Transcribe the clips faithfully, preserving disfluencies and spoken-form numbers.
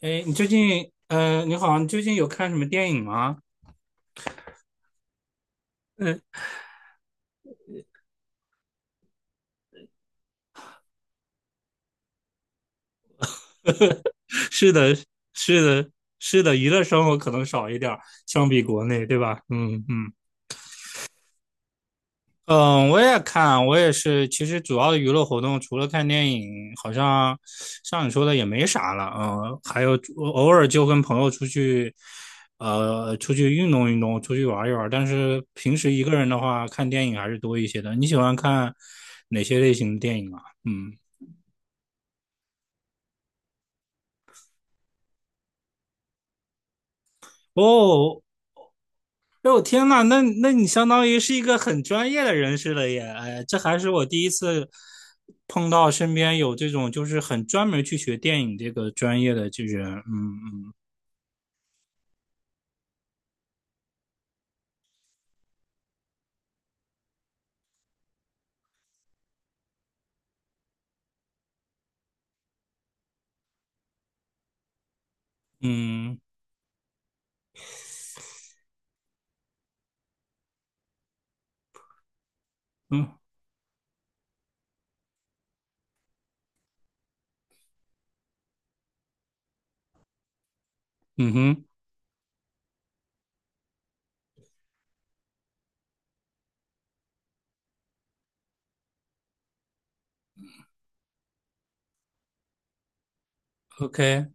哎，你最近，呃，你好，你最近有看什么电影吗？嗯，是的，是的，是的，娱乐生活可能少一点儿，相比国内，对吧？嗯嗯嗯，我也看，我也是。其实主要的娱乐活动除了看电影，好像像你说的也没啥了。嗯，还有偶尔就跟朋友出去，呃，出去运动运动，出去玩一玩。但是平时一个人的话，看电影还是多一些的。你喜欢看哪些类型的电影啊？嗯。哦，哎，我天呐，那那你相当于是一个很专业的人士了耶！哎，这还是我第一次碰到身边有这种就是很专门去学电影这个专业的这人。嗯嗯嗯嗯嗯哼，OK，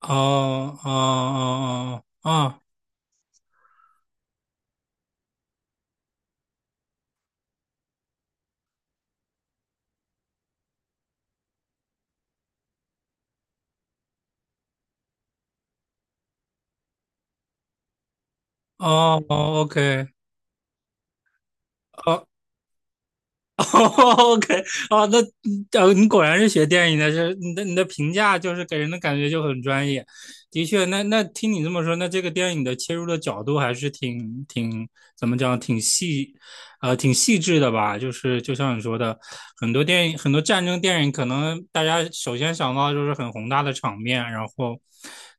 哦哦哦哦哦哦哦，OK，哦 哦 OK，哦，那呃，你果然是学电影的，是你的你的评价就是给人的感觉就很专业。的确，那那听你这么说，那这个电影的切入的角度还是挺挺怎么讲，挺细，呃，挺细致的吧？就是就像你说的，很多电影，很多战争电影，可能大家首先想到就是很宏大的场面，然后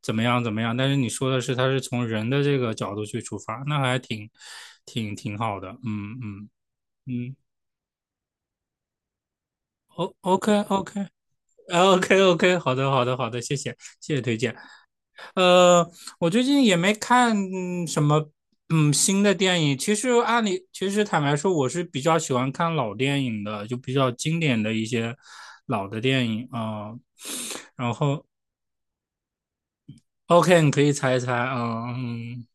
怎么样怎么样。但是你说的是，它是从人的这个角度去出发，那还挺挺挺好的。嗯嗯嗯。O OK OK 啊 OK OK，好的好的好的，谢谢谢谢推荐。呃，我最近也没看嗯什么嗯新的电影。其实按理，其实坦白说，我是比较喜欢看老电影的，就比较经典的一些老的电影啊。呃然后 OK，你可以猜一猜啊，嗯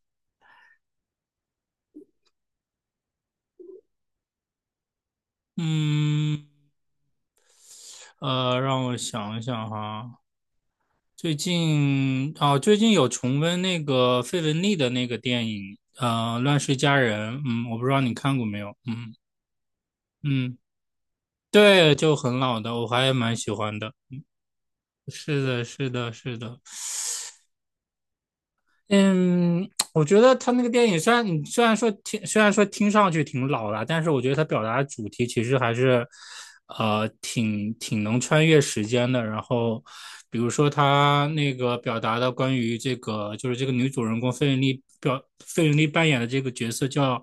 嗯呃，让我想一想哈，最近哦，最近有重温那个费雯丽的那个电影，呃，《乱世佳人》。嗯，我不知道你看过没有。嗯嗯，对，就很老的，我还蛮喜欢的。是的，是的，是的。嗯，我觉得他那个电影虽然你虽然说听虽然说听上去挺老了，但是我觉得他表达的主题其实还是，呃，挺挺能穿越时间的。然后，比如说他那个表达的关于这个，就是这个女主人公费雯丽表费雯丽扮演的这个角色叫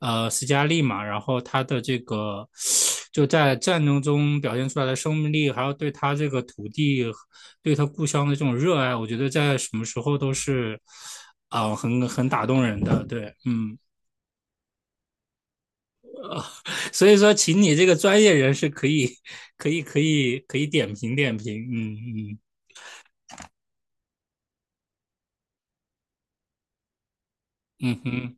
呃斯嘉丽嘛，然后她的这个就在战争中表现出来的生命力，还有对她这个土地对他故乡的这种热爱，我觉得在什么时候都是啊、呃很很打动人的。对，嗯，所以说，请你这个专业人士可以可以可以可以点评点评。嗯嗯嗯哼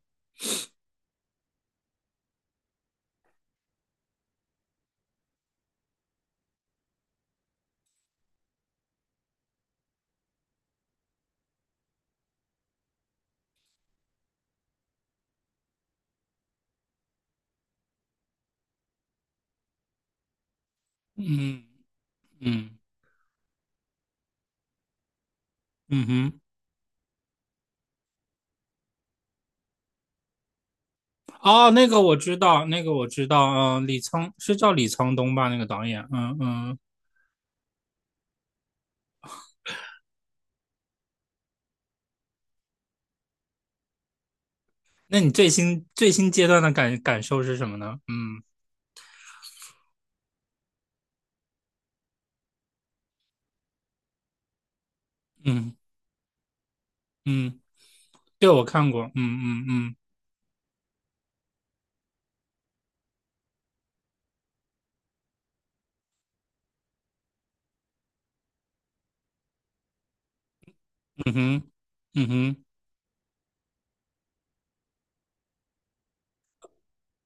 嗯嗯嗯哼。哦，那个我知道，那个我知道。嗯，李沧是叫李沧东吧？那个导演。嗯嗯。那你最新最新阶段的感感受是什么呢？嗯嗯嗯，对我看过。嗯嗯嗯嗯哼嗯哼。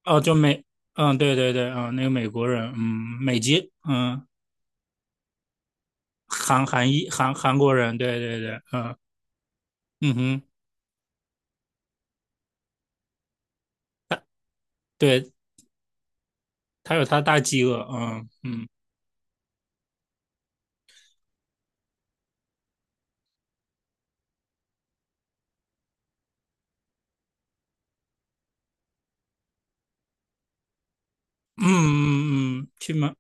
哦，就美，嗯，对对对，嗯，那个美国人，嗯，美籍，嗯，韩韩裔韩韩国人，对对对，嗯嗯哼，对，他有他大饥饿，嗯嗯嗯嗯嗯，嗯去吗？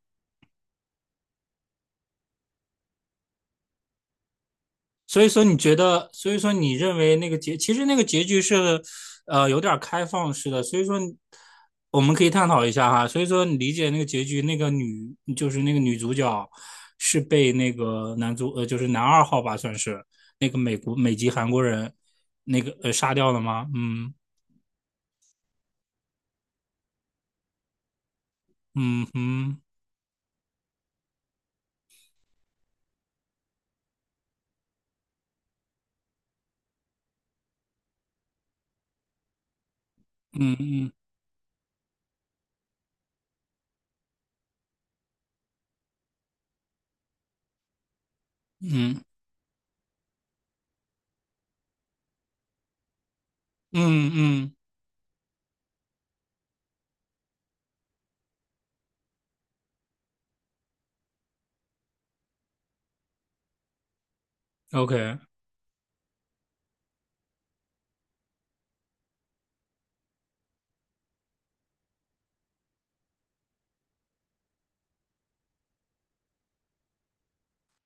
所以说你觉得，所以说你认为那个结，其实那个结局是，呃，有点开放式的。所以说你我们可以探讨一下哈。所以说，你理解那个结局，那个女就是那个女主角是被那个男主，呃，就是男二号吧，算是那个美国美籍韩国人那个呃杀掉了吗？嗯嗯嗯嗯嗯嗯嗯嗯，OK。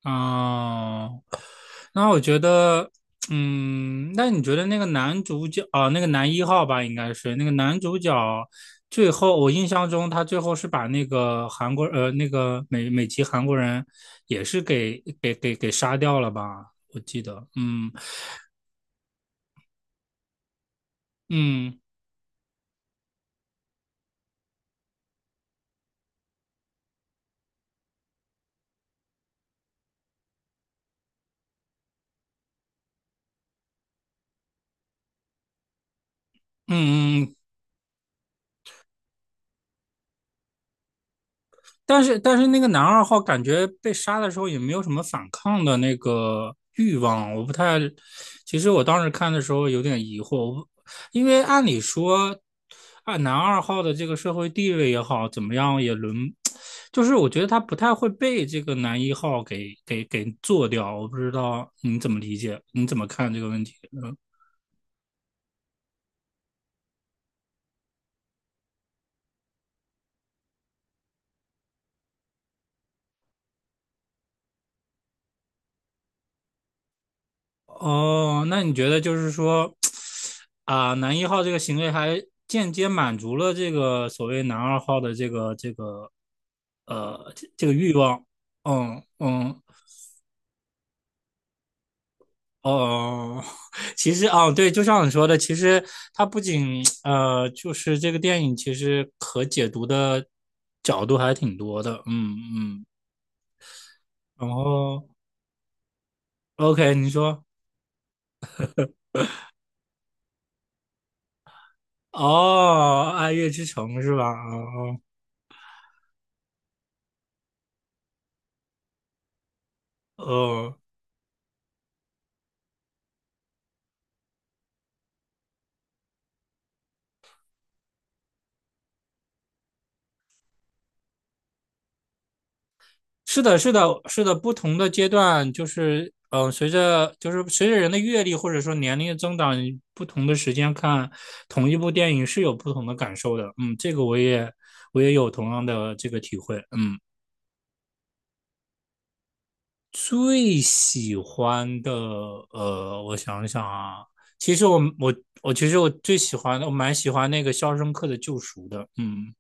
哦，那我觉得，嗯，那你觉得那个男主角啊，那个男一号吧，应该是那个男主角，最后我印象中他最后是把那个韩国呃那个美美籍韩国人也是给给给给杀掉了吧？我记得，嗯嗯嗯嗯，但是但是那个男二号感觉被杀的时候也没有什么反抗的那个欲望，我不太，其实我当时看的时候有点疑惑，因为按理说啊，按男二号的这个社会地位也好，怎么样也轮，就是我觉得他不太会被这个男一号给给给做掉，我不知道你怎么理解，你怎么看这个问题？嗯，哦，那你觉得就是说，啊，男一号这个行为还间接满足了这个所谓男二号的这个这个呃这这个欲望，嗯嗯哦，其实啊，对，就像你说的，其实它不仅呃，就是这个电影其实可解读的角度还挺多的，嗯嗯，然后 OK，你说哦，《爱乐之城》是吧？哦哦。哦是的，是的，是的，不同的阶段就是，嗯、随着就是随着人的阅历或者说年龄的增长，你不同的时间看同一部电影是有不同的感受的。嗯，这个我也我也有同样的这个体会。嗯，最喜欢的，呃，我想想啊，其实我我我其实我最喜欢的，我蛮喜欢那个《肖申克的救赎》的。嗯，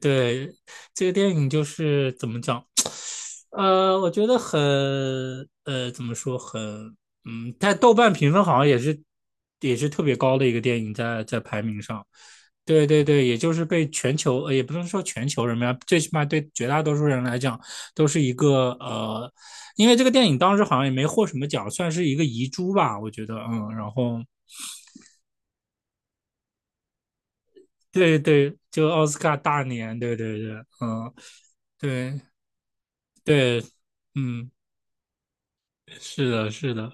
对，这个电影就是怎么讲？呃，我觉得很呃，怎么说很嗯，在豆瓣评分好像也是也是特别高的一个电影在，在排名上。对对对，也就是被全球呃，也不能说全球人吧，最起码对绝大多数人来讲，都是一个呃，因为这个电影当时好像也没获什么奖，算是一个遗珠吧，我觉得嗯，然后对对，就奥斯卡大年，对对对，嗯，对对，嗯，是的，是的。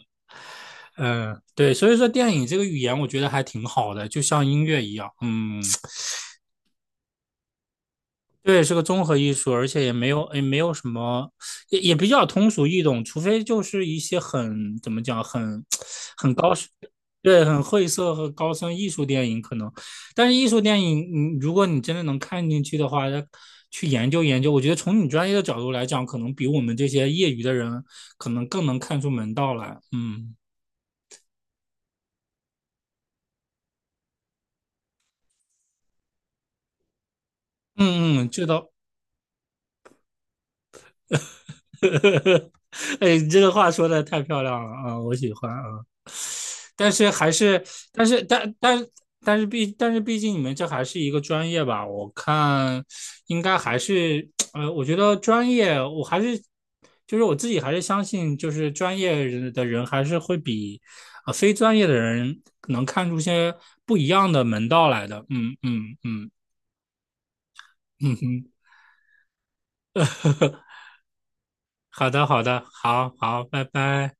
嗯，对，所以说电影这个语言，我觉得还挺好的，就像音乐一样，嗯，对，是个综合艺术，而且也没有也没有什么，也也比较通俗易懂，除非就是一些很怎么讲，很很高深，对，很晦涩和高深艺术电影可能，但是艺术电影，嗯，如果你真的能看进去的话，它去研究研究，我觉得从你专业的角度来讲，可能比我们这些业余的人可能更能看出门道来，嗯嗯嗯，这倒 呵呵呵，哎，你这个话说的太漂亮了啊，我喜欢啊。但是还是，但是但但但是毕但是毕竟你们这还是一个专业吧？我看应该还是，呃，我觉得专业我还是，就是我自己还是相信，就是专业人的人还是会比呃非专业的人能看出些不一样的门道来的。嗯嗯嗯嗯哼，好的好的，好好，拜拜。